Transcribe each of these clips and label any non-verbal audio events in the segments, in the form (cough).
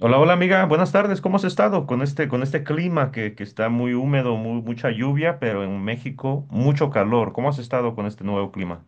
Hola, hola amiga, buenas tardes. ¿Cómo has estado con este clima que está muy húmedo, mucha lluvia, pero en México mucho calor? ¿Cómo has estado con este nuevo clima?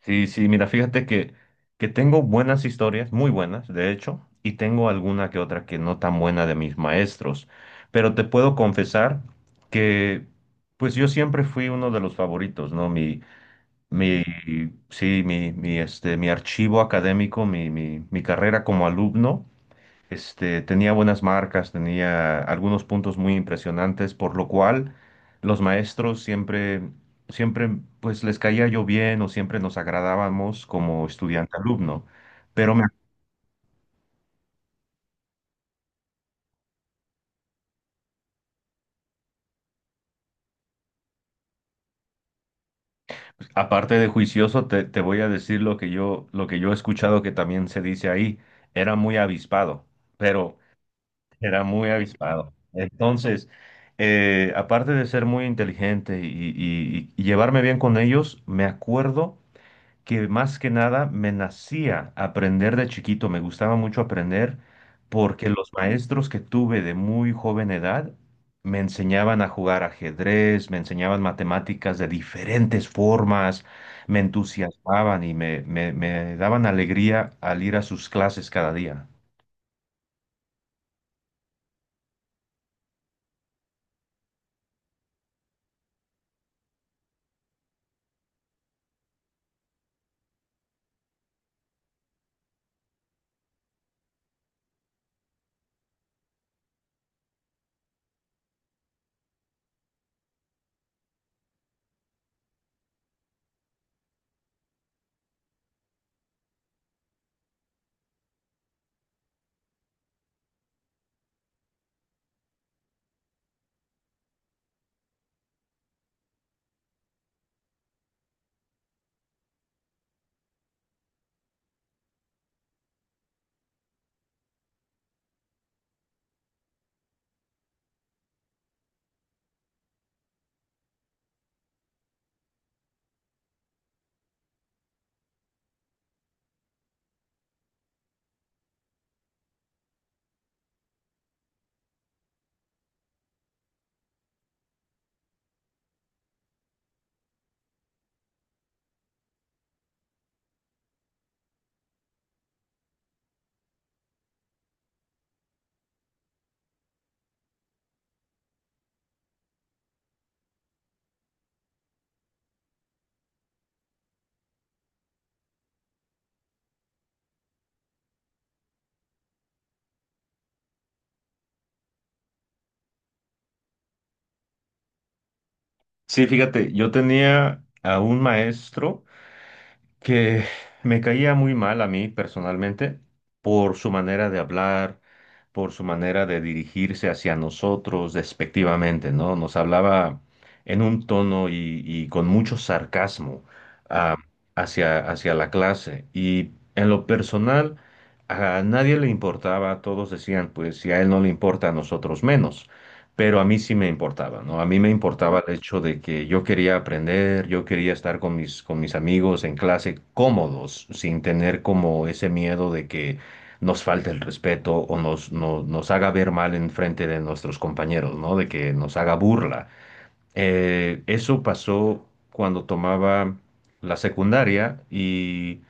Sí, sí, mira, que tengo buenas historias, muy buenas, de hecho, y tengo alguna que otra que no tan buena de mis maestros, pero te puedo confesar que pues yo siempre fui uno de los favoritos, ¿no? Mi, sí, mi archivo académico, mi carrera como alumno. Este, tenía buenas marcas, tenía algunos puntos muy impresionantes, por lo cual los maestros siempre, pues les caía yo bien o siempre nos agradábamos como estudiante-alumno. Pero me- Aparte de juicioso, te voy a decir lo que yo he escuchado que también se dice ahí, era muy avispado, pero era muy avispado. Entonces, aparte de ser muy inteligente y llevarme bien con ellos, me acuerdo que más que nada me nacía aprender de chiquito, me gustaba mucho aprender porque los maestros que tuve de muy joven edad me enseñaban a jugar ajedrez, me enseñaban matemáticas de diferentes formas, me entusiasmaban y me daban alegría al ir a sus clases cada día. Sí, fíjate, yo tenía a un maestro que me caía muy mal a mí personalmente por su manera de hablar, por su manera de dirigirse hacia nosotros despectivamente, ¿no? Nos hablaba en un tono y con mucho sarcasmo ah, hacia, hacia la clase. Y en lo personal, a nadie le importaba, todos decían, pues si a él no le importa, a nosotros menos, pero a mí sí me importaba, ¿no? A mí me importaba el hecho de que yo quería aprender, yo quería estar con mis amigos en clase cómodos, sin tener como ese miedo de que nos falte el respeto o nos, no- nos haga ver mal en frente de nuestros compañeros, ¿no? De que nos haga burla. Eso pasó cuando tomaba la secundaria y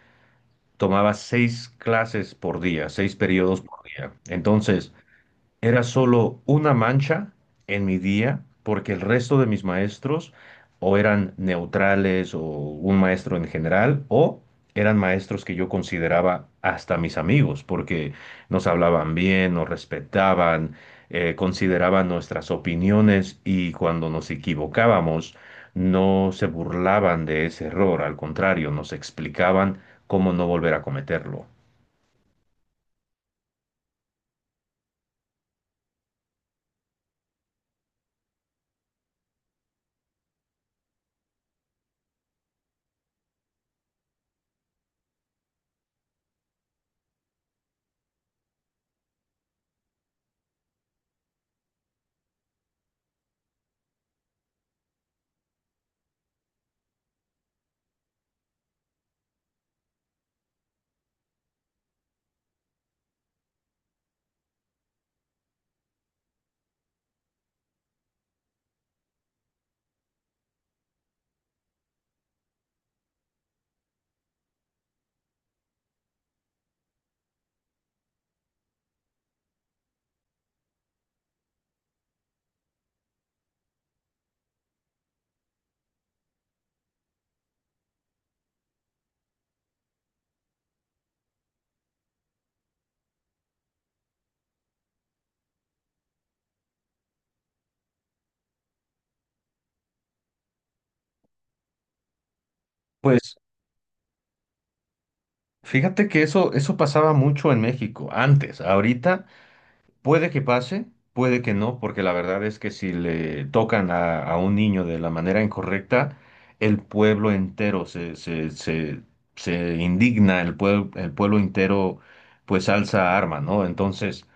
tomaba 6 clases por día, 6 periodos por día. Entonces, era solo una mancha en mi día, porque el resto de mis maestros o eran neutrales o un maestro en general, o eran maestros que yo consideraba hasta mis amigos, porque nos hablaban bien, nos respetaban, consideraban nuestras opiniones y cuando nos equivocábamos no se burlaban de ese error, al contrario, nos explicaban cómo no volver a cometerlo. Pues Fíjate que eso pasaba mucho en México antes. Ahorita puede que pase, puede que no, porque la verdad es que si le tocan a un niño de la manera incorrecta, el pueblo entero se indigna, el pueblo entero pues alza arma, ¿no? Entonces,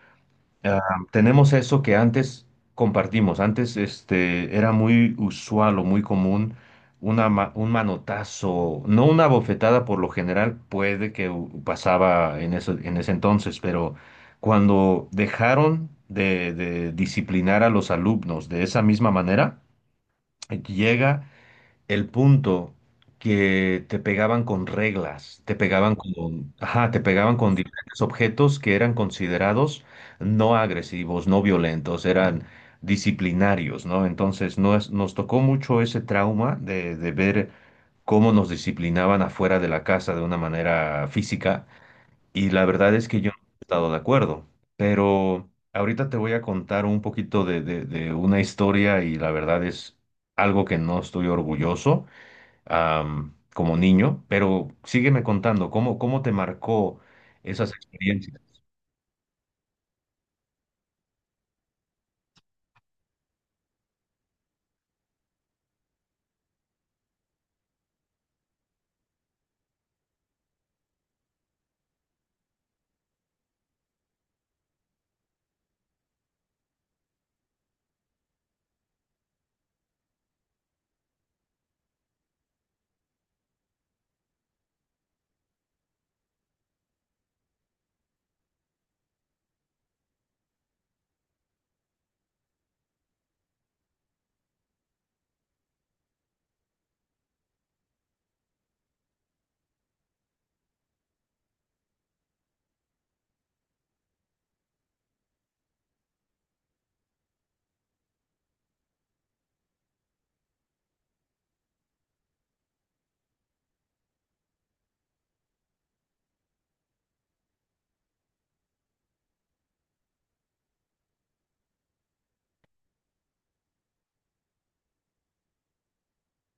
Ah, tenemos eso que antes compartimos. Antes este, era muy usual o muy común un manotazo, no una bofetada por lo general, pasaba en en ese entonces, pero cuando dejaron de disciplinar a los alumnos de esa misma manera, llega el punto que te pegaban con reglas, te pegaban con, ajá, te pegaban con diferentes objetos que eran considerados no agresivos, no violentos, eran disciplinarios, ¿no? Entonces nos tocó mucho ese trauma de ver cómo nos disciplinaban afuera de la casa de una manera física y la verdad es que yo no he estado de acuerdo, pero ahorita te voy a contar un poquito de una historia y la verdad es algo que no estoy orgulloso, como niño, pero sígueme contando, ¿cómo, cómo te marcó esas experiencias?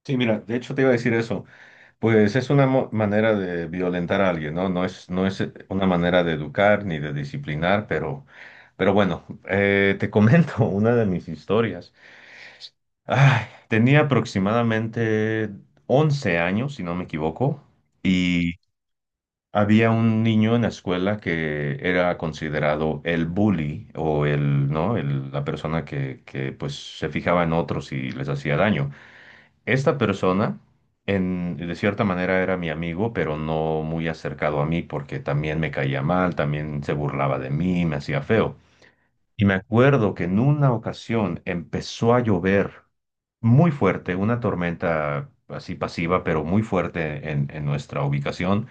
Sí, mira, de hecho te iba a decir eso, pues es manera de violentar a alguien, ¿no? No es, una manera de educar ni de disciplinar, pero bueno, te comento (laughs) una de mis historias. Ay, tenía aproximadamente 11 años, si no me equivoco. Había un niño en la escuela que era considerado el bully o el, ¿no? La persona que, pues se fijaba en otros y les hacía daño. Esta persona, en, de cierta manera, era mi amigo, pero no muy acercado a mí porque también me caía mal, también se burlaba de mí, me hacía feo. Y me acuerdo que en una ocasión empezó a llover muy fuerte, una tormenta así pasiva, pero muy fuerte en nuestra ubicación.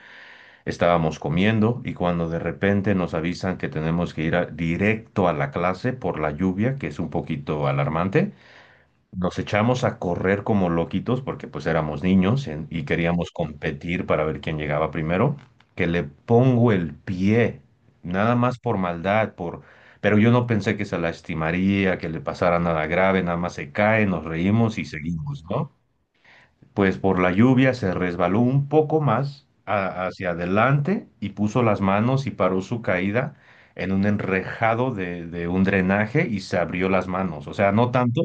Estábamos comiendo y cuando de repente nos avisan que tenemos que directo a la clase por la lluvia, que es un poquito alarmante, nos echamos a correr como loquitos porque pues éramos niños y queríamos competir para ver quién llegaba primero, que le pongo el pie, nada más por maldad, por... pero yo no pensé que se lastimaría, que le pasara nada grave, nada más se cae, nos reímos y seguimos, ¿no? Pues por la lluvia se resbaló un poco hacia adelante y puso las manos y paró su caída en un enrejado de un drenaje y se abrió las manos. O sea, no tanto,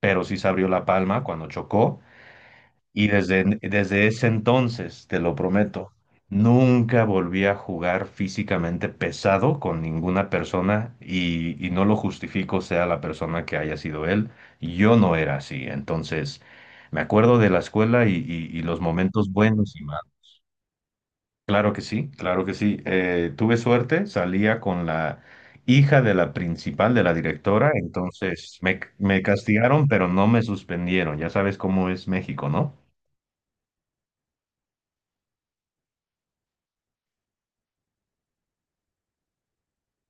pero sí se abrió la palma cuando chocó y desde ese entonces, te lo prometo, nunca volví a jugar físicamente pesado con ninguna persona y no lo justifico, sea la persona que haya sido él. Yo no era así. Entonces, me acuerdo de la escuela y los momentos buenos y malos. Claro que sí, claro que sí. Tuve suerte, salía con la hija de la principal, de la directora, entonces me castigaron, pero no me suspendieron. Ya sabes cómo es México, ¿no?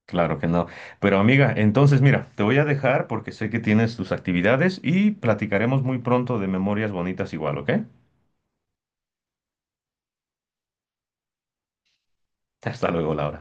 Claro que no. Pero amiga, entonces mira, te voy a dejar porque sé que tienes tus actividades y platicaremos muy pronto de memorias bonitas igual, ¿ok? Hasta luego, Laura.